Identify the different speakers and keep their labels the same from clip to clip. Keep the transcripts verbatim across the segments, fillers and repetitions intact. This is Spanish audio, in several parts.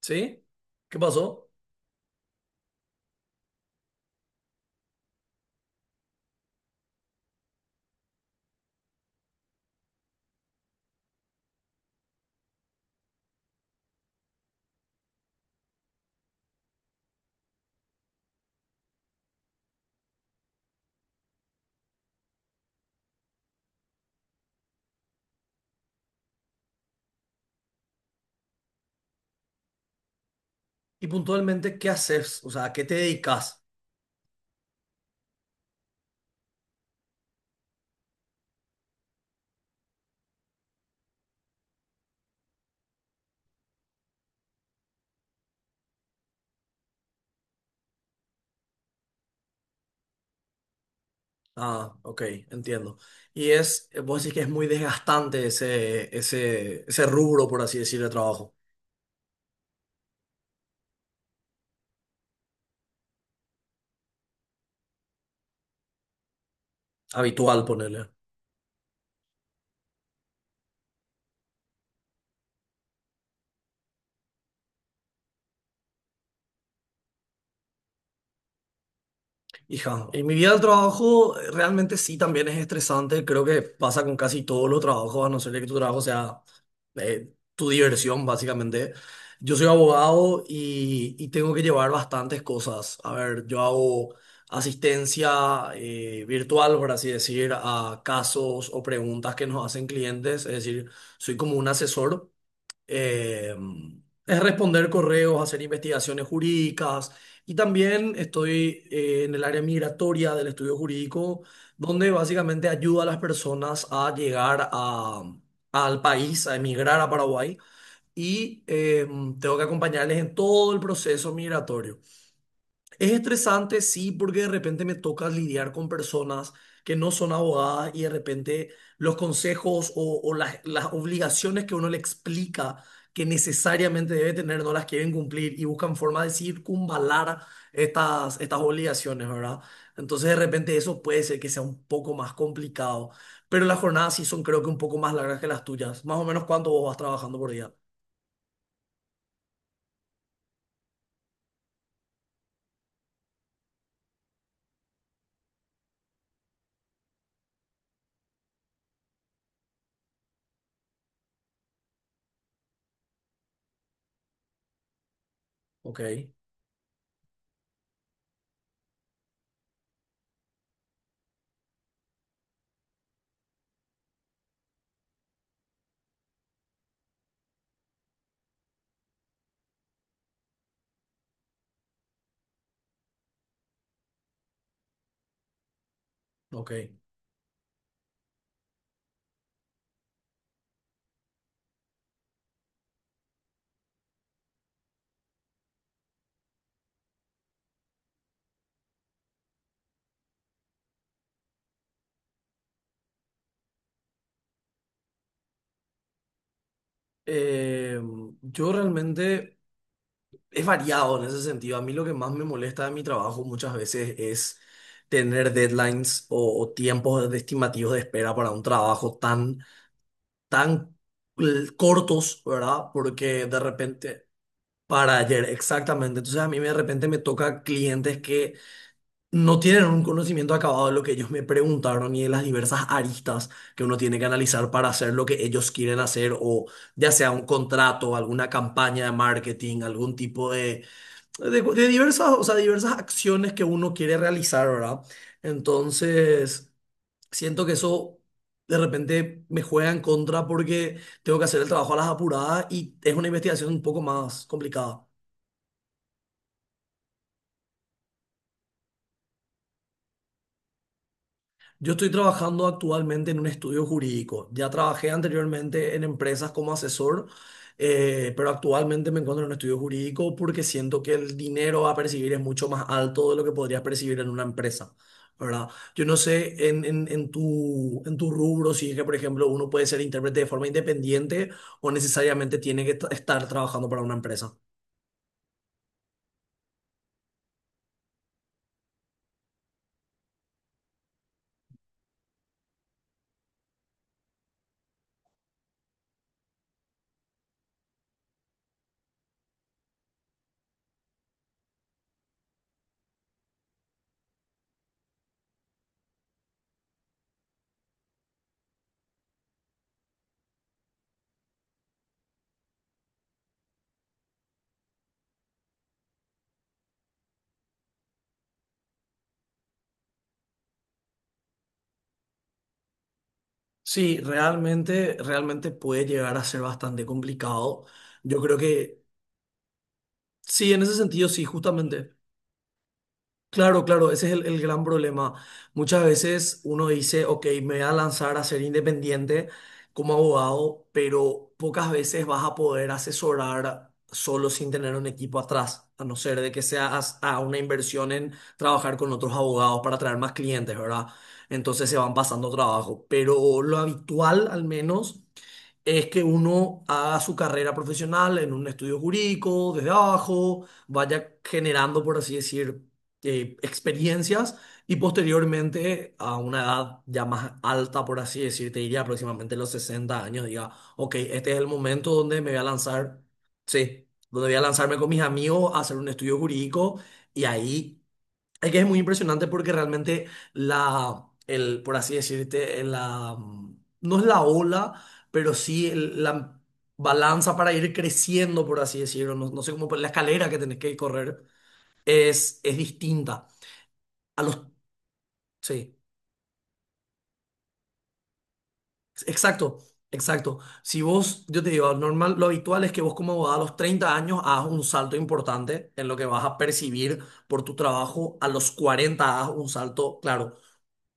Speaker 1: ¿Sí? ¿Qué pasó? Y puntualmente, ¿qué haces? O sea, ¿a qué te dedicas? Ah, ok, entiendo. Y es, eh, vos decís que es muy desgastante ese, ese, ese rubro, por así decirlo, de trabajo. Habitual, ponerle. Hija, y mi vida del trabajo eh, realmente sí también es estresante. Creo que pasa con casi todos los trabajos, a no ser que tu trabajo sea eh, tu diversión, básicamente. Yo soy abogado y, y tengo que llevar bastantes cosas. A ver, yo hago asistencia eh, virtual, por así decir, a casos o preguntas que nos hacen clientes. Es decir, soy como un asesor, eh, es responder correos, hacer investigaciones jurídicas y también estoy eh, en el área migratoria del estudio jurídico, donde básicamente ayuda a las personas a llegar a, al país, a emigrar a Paraguay y eh, tengo que acompañarles en todo el proceso migratorio. Es estresante, sí, porque de repente me toca lidiar con personas que no son abogadas y de repente los consejos o, o las, las obligaciones que uno le explica que necesariamente debe tener no las quieren cumplir y buscan forma de circunvalar estas, estas obligaciones, ¿verdad? Entonces de repente eso puede ser que sea un poco más complicado, pero las jornadas sí son creo que un poco más largas que las tuyas. Más o menos cuánto vos vas trabajando por día. Ok, ok. Em, yo realmente... Es variado en ese sentido. A mí lo que más me molesta de mi trabajo muchas veces es tener deadlines o, o tiempos de- estimativos de espera para un trabajo tan, tan l- cortos, ¿verdad? Porque de repente, para ayer, exactamente. Entonces a mí de repente me toca clientes que no tienen un conocimiento acabado de lo que ellos me preguntaron y de las diversas aristas que uno tiene que analizar para hacer lo que ellos quieren hacer o ya sea un contrato, alguna campaña de marketing, algún tipo de de, de diversas, o sea, diversas acciones que uno quiere realizar, ¿verdad? Entonces, siento que eso de repente me juega en contra porque tengo que hacer el trabajo a las apuradas y es una investigación un poco más complicada. Yo estoy trabajando actualmente en un estudio jurídico. Ya trabajé anteriormente en empresas como asesor, eh, pero actualmente me encuentro en un estudio jurídico porque siento que el dinero a percibir es mucho más alto de lo que podrías percibir en una empresa, ¿verdad? Yo no sé en, en, en tu, en tu rubro si es que, por ejemplo, uno puede ser intérprete de forma independiente o necesariamente tiene que t- estar trabajando para una empresa. Sí, realmente, realmente puede llegar a ser bastante complicado. Yo creo que. Sí, en ese sentido, sí, justamente. Claro, claro, ese es el, el gran problema. Muchas veces uno dice, ok, me voy a lanzar a ser independiente como abogado, pero pocas veces vas a poder asesorar solo sin tener un equipo atrás, a no ser de que sea as- a una inversión en trabajar con otros abogados para traer más clientes, ¿verdad? Entonces se van pasando trabajo, pero lo habitual al menos es que uno haga su carrera profesional en un estudio jurídico, desde abajo, vaya generando, por así decir, eh, experiencias y posteriormente a una edad ya más alta, por así decir, te diría aproximadamente los sesenta años, diga, ok, este es el momento donde me voy a lanzar, sí, donde voy a lanzarme con mis amigos a hacer un estudio jurídico y ahí... Es que es muy impresionante porque realmente la, el, por así decirte, la, mm, no es la ola, pero sí el- la balanza para ir creciendo, por así decirlo, no, no sé cómo, la escalera que tenés que correr es, es distinta a los, sí, exacto, exacto. Si vos, yo te digo, normal, lo habitual es que vos como abogado a los treinta años hagas un salto importante en lo que vas a percibir por tu trabajo, a los cuarenta hagas un salto, claro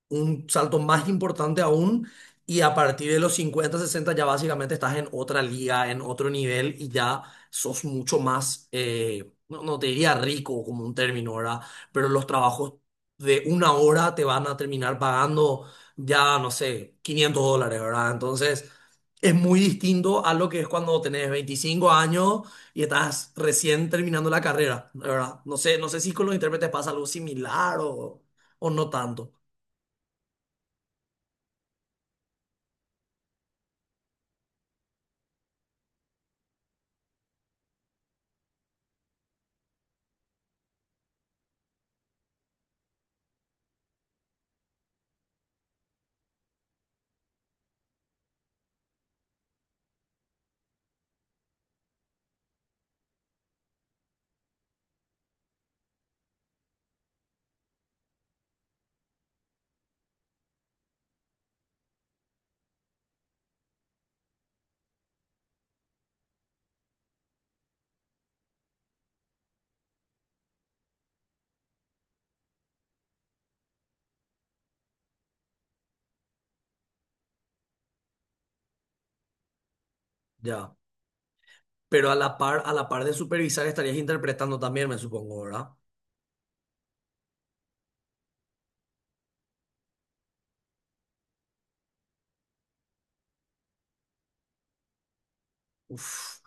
Speaker 1: un salto más importante aún y a partir de los cincuenta sesenta ya básicamente estás en otra liga, en otro nivel y ya sos mucho más, eh, no, no te diría rico como un término, ¿verdad? Pero los trabajos de una hora te van a terminar pagando ya, no sé, quinientos dólares, ¿verdad? Entonces... Es muy distinto a lo que es cuando tenés veinticinco años y estás recién terminando la carrera, ¿verdad? No sé, no sé si con los intérpretes pasa algo similar o, o, no tanto. Ya. Pero a la par, a la par de supervisar estarías interpretando también, me supongo, ¿verdad? Uf,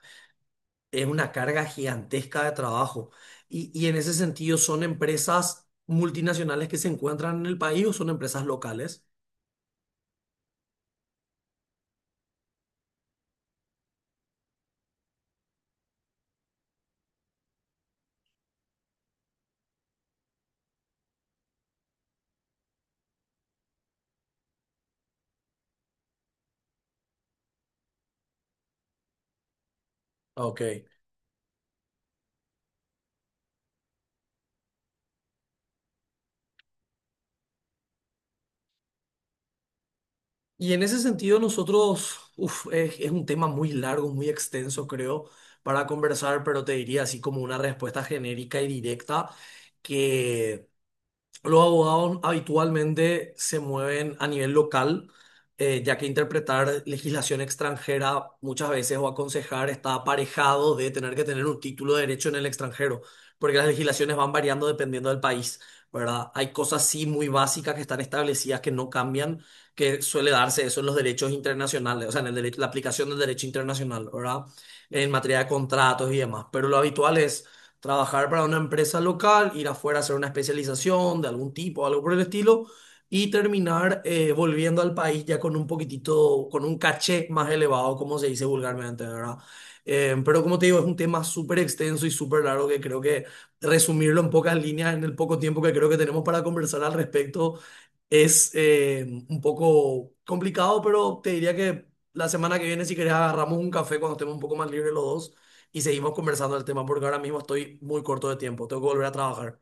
Speaker 1: es una carga gigantesca de trabajo. Y, y en ese sentido, ¿son empresas multinacionales que se encuentran en el país o son empresas locales? Ok. Y en ese sentido, nosotros, uf, es, es un tema muy largo, muy extenso, creo, para conversar, pero te diría así como una respuesta genérica y directa que... Los abogados habitualmente se mueven a nivel local, eh, ya que interpretar legislación extranjera muchas veces o aconsejar está aparejado de tener que tener un título de derecho en el extranjero, porque las legislaciones van variando dependiendo del país, ¿verdad? Hay cosas sí muy básicas que están establecidas que no cambian, que suele darse eso en los derechos internacionales, o sea, en el derecho- la aplicación del derecho internacional, ¿verdad? En materia de contratos y demás, pero lo habitual es trabajar para una empresa local, ir afuera a hacer una especialización de algún tipo, algo por el estilo, y terminar eh, volviendo al país ya con un poquitito, con un caché más elevado, como se dice vulgarmente, ¿verdad? Eh, pero como te digo, es un tema súper extenso y súper largo que creo que resumirlo en pocas líneas, en el poco tiempo que creo que tenemos para conversar al respecto, es eh, un poco complicado, pero te diría que la semana que viene, si querés, agarramos un café cuando estemos un poco más libres los dos y seguimos conversando del tema porque ahora mismo estoy muy corto de tiempo. Tengo que volver a trabajar.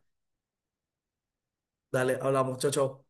Speaker 1: Dale, hablamos. Chao, chao.